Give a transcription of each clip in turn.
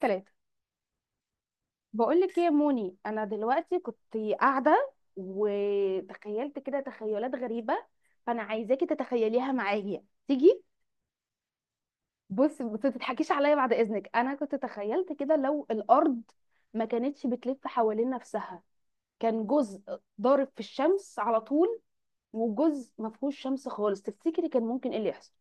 ثلاثة. بقولك ايه يا موني؟ انا دلوقتي كنت قاعدة وتخيلت كده تخيلات غريبة، فانا عايزاكي تتخيليها معايا، تيجي. بص، ما تضحكيش عليا بعد اذنك، انا كنت تخيلت كده لو الارض ما كانتش بتلف حوالين نفسها، كان جزء ضارب في الشمس على طول، وجزء ما فيهوش شمس خالص. تفتكري كان ممكن ايه اللي يحصل؟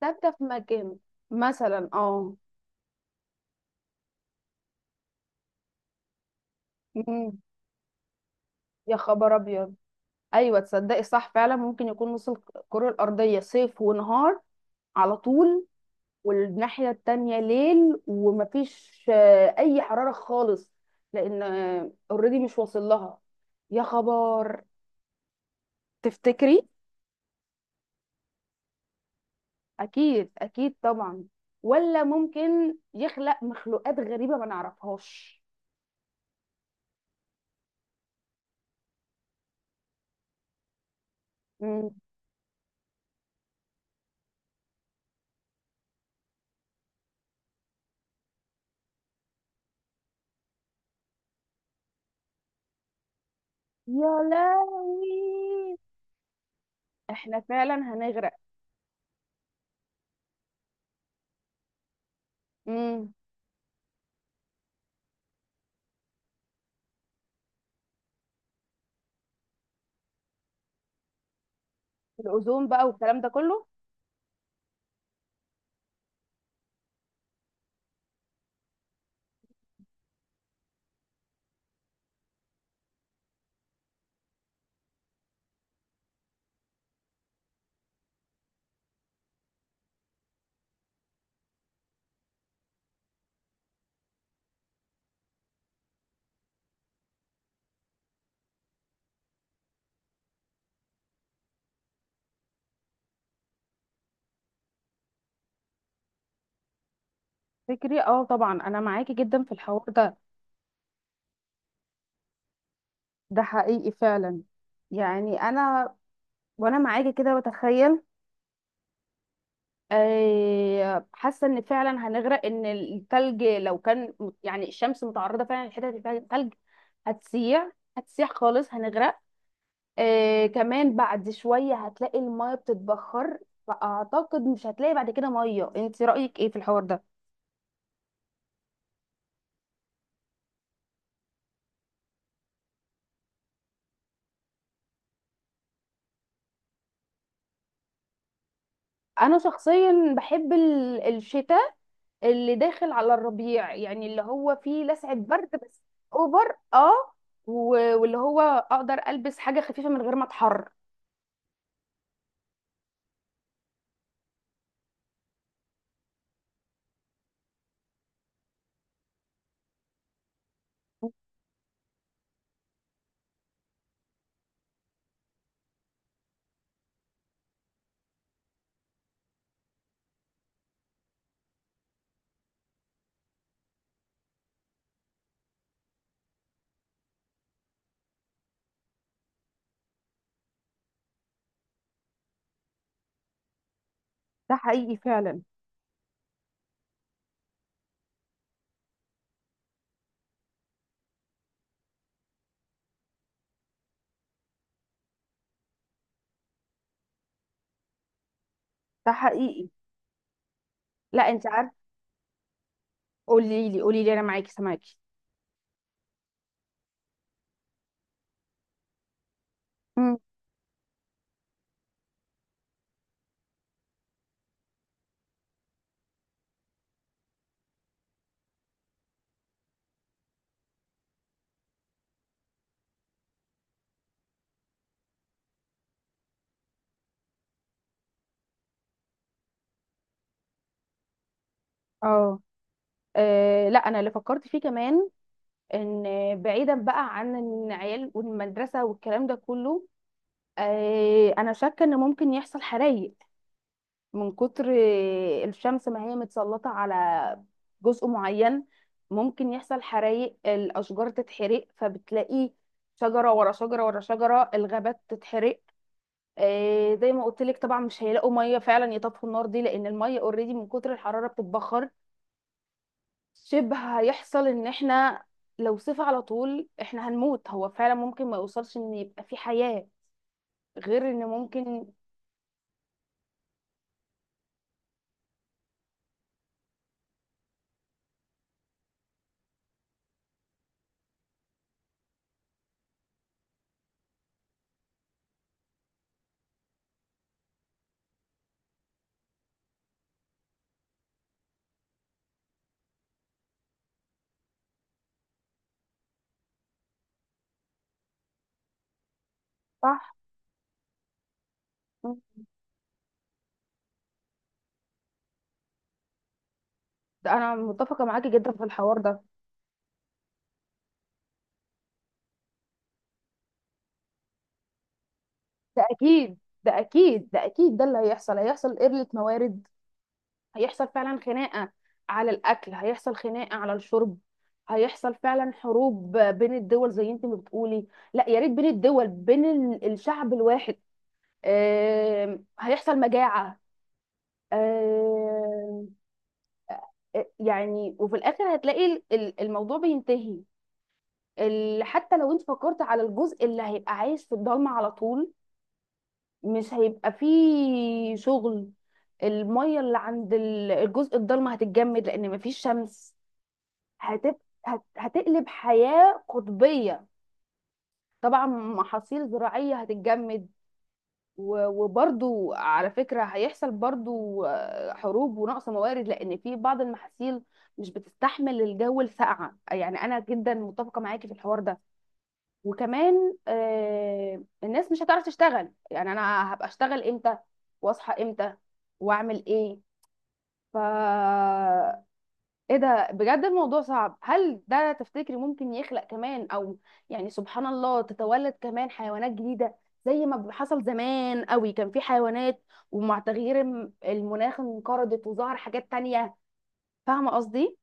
ثابتة في مكان، مثلا، اه. مم. يا خبر ابيض! ايوه، تصدقي صح، فعلا ممكن يكون نص الكرة الأرضية صيف ونهار على طول، والناحية التانية ليل ومفيش أي حرارة خالص، لأن اوريدي مش واصل لها. يا خبر. تفتكري؟ أكيد أكيد طبعا. ولا ممكن يخلق مخلوقات غريبة ما نعرفهاش؟ مم. يا لهوي. احنا فعلا هنغرق. مم. الأوزون بقى والكلام ده كله. فكري، اه طبعا انا معاكي جدا في الحوار ده. ده حقيقي فعلا. يعني انا، وانا معاكي كده بتخيل، حاسه ان فعلا هنغرق، ان التلج لو كان يعني الشمس متعرضه فعلا لحته اللي فيها تلج، هتسيح، هتسيح خالص، هنغرق. كمان بعد شويه هتلاقي الميه بتتبخر، فاعتقد مش هتلاقي بعد كده ميه. انت رايك ايه في الحوار ده؟ انا شخصيا بحب الشتاء، اللي داخل على الربيع، يعني اللي هو فيه لسعة برد بس. اوفر، اه. واللي هو اقدر البس حاجة خفيفة من غير ما اتحر. ده حقيقي فعلا. ده حقيقي. لا، انت عارف. قولي لي، قولي لي، انا معاكي، سامعاكي. مم. اه. لا، انا اللي فكرت فيه كمان، ان، بعيدا بقى عن العيال والمدرسه والكلام ده كله، انا شاكه ان ممكن يحصل حرايق، من كتر الشمس ما هي متسلطة على جزء معين. ممكن يحصل حرايق، الأشجار تتحرق، فبتلاقي شجرة ورا شجرة ورا شجرة، الغابات تتحرق. زي ما قلت لك، طبعا مش هيلاقوا مية فعلا يطفوا النار دي، لأن المية اوريدي من كتر الحرارة بتتبخر. شبه هيحصل إن احنا لو صيف على طول احنا هنموت. هو فعلا ممكن ما يوصلش إن يبقى في حياة، غير إن ممكن. صح. ده أنا متفقة معاكي جدا في الحوار ده. ده اكيد، ده اكيد، ده اكيد، ده اللي هيحصل. هيحصل قلة موارد، هيحصل فعلا خناقة على الاكل، هيحصل خناقة على الشرب، هيحصل فعلا حروب بين الدول زي انت ما بتقولي. لا يا ريت بين الدول، بين الشعب الواحد. هيحصل مجاعة. آم، يعني وفي الاخر هتلاقي الموضوع بينتهي. حتى لو انت فكرت على الجزء اللي هيبقى عايش في الضلمة على طول، مش هيبقى فيه شغل. المية اللي عند الجزء الضلمة هتتجمد، لأن مفيش شمس. هتبقى، هتقلب حياة قطبية. طبعا محاصيل زراعية هتتجمد. وبرضو على فكرة هيحصل برضو حروب ونقص موارد، لأن في بعض المحاصيل مش بتستحمل الجو الساقعة، يعني أنا جدا متفقة معاكي في الحوار ده. وكمان الناس مش هتعرف تشتغل، يعني انا هبقى اشتغل امتى؟ واصحى امتى؟ واعمل ايه؟ ف ايه ده؟ بجد الموضوع صعب. هل ده تفتكري ممكن يخلق كمان، او يعني سبحان الله تتولد كمان حيوانات جديدة؟ زي ما حصل زمان قوي، كان في حيوانات، ومع تغيير المناخ انقرضت، وظهر حاجات تانية. فاهمة قصدي؟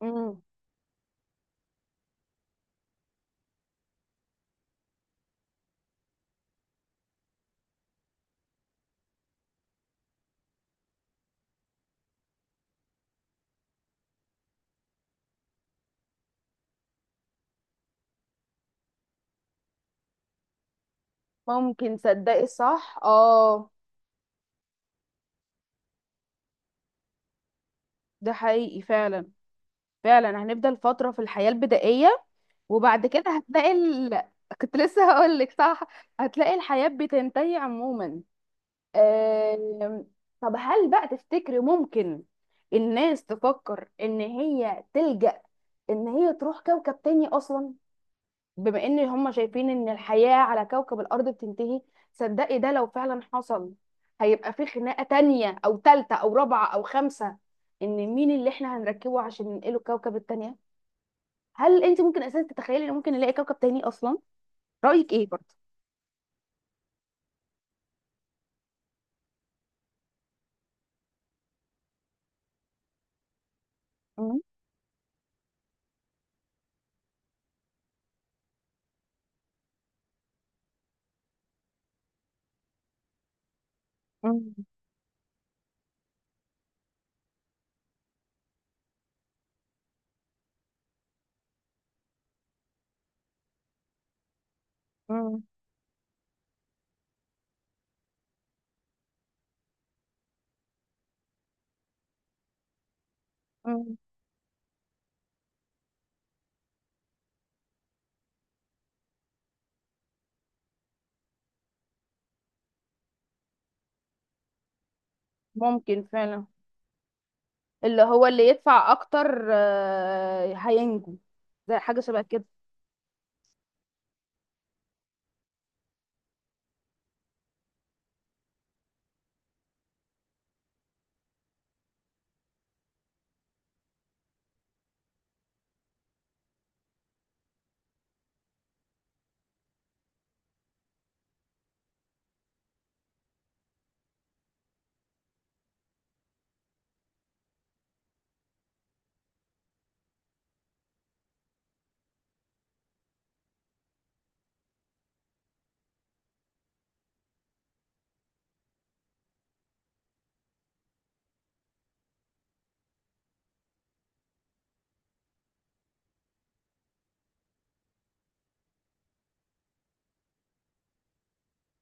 مم. ممكن، تصدقي صح، اه. ده حقيقي فعلا، فعلا هنفضل فترة في الحياة البدائية. وبعد كده هتلاقي كنت لسه هقول لك، صح؟ هتلاقي الحياة بتنتهي عموما. أم... طب هل بقى تفتكري ممكن الناس تفكر ان هي تلجأ، ان هي تروح كوكب تاني اصلا، بما ان هم شايفين ان الحياة على كوكب الارض بتنتهي؟ صدقي ده لو فعلا حصل، هيبقى في خناقة تانية او تالتة او رابعة او خمسة، ان مين اللي احنا هنركبه عشان ننقله الكوكب التانية؟ هل انت ممكن اساسا تتخيلي ان ممكن نلاقي كوكب تاني اصلا؟ رايك ايه برضه؟ مم. مم. مم. مم. ممكن فعلا. اللي هو اللي يدفع اكتر هينجو، زي حاجه شبه كده.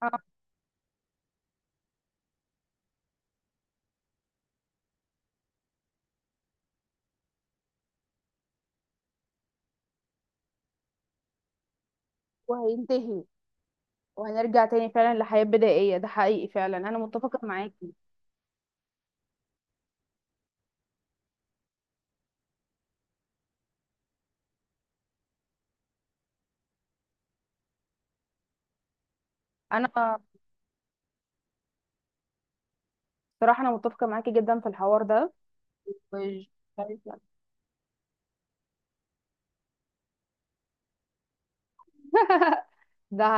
آه. وهينتهي. وهنرجع تاني فعلا لحياة بدائية. ده حقيقي فعلا، انا متفقة معاكي. انا صراحة انا متفقة معاكي جدا في الحوار ده. مش عارفة. ده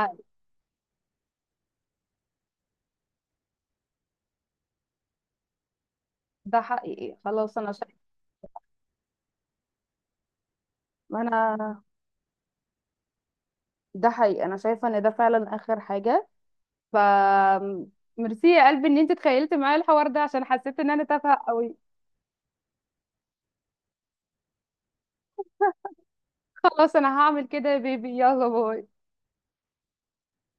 ده حقيقي، خلاص انا شايفة. انا ده حقيقي، انا شايفة ان ده فعلا اخر حاجة. ف ميرسي يا قلبي ان انت تخيلتي معايا الحوار ده، عشان حسيت ان انا تافهه قوي. خلاص انا هعمل كده يا بيبي، يلا باي.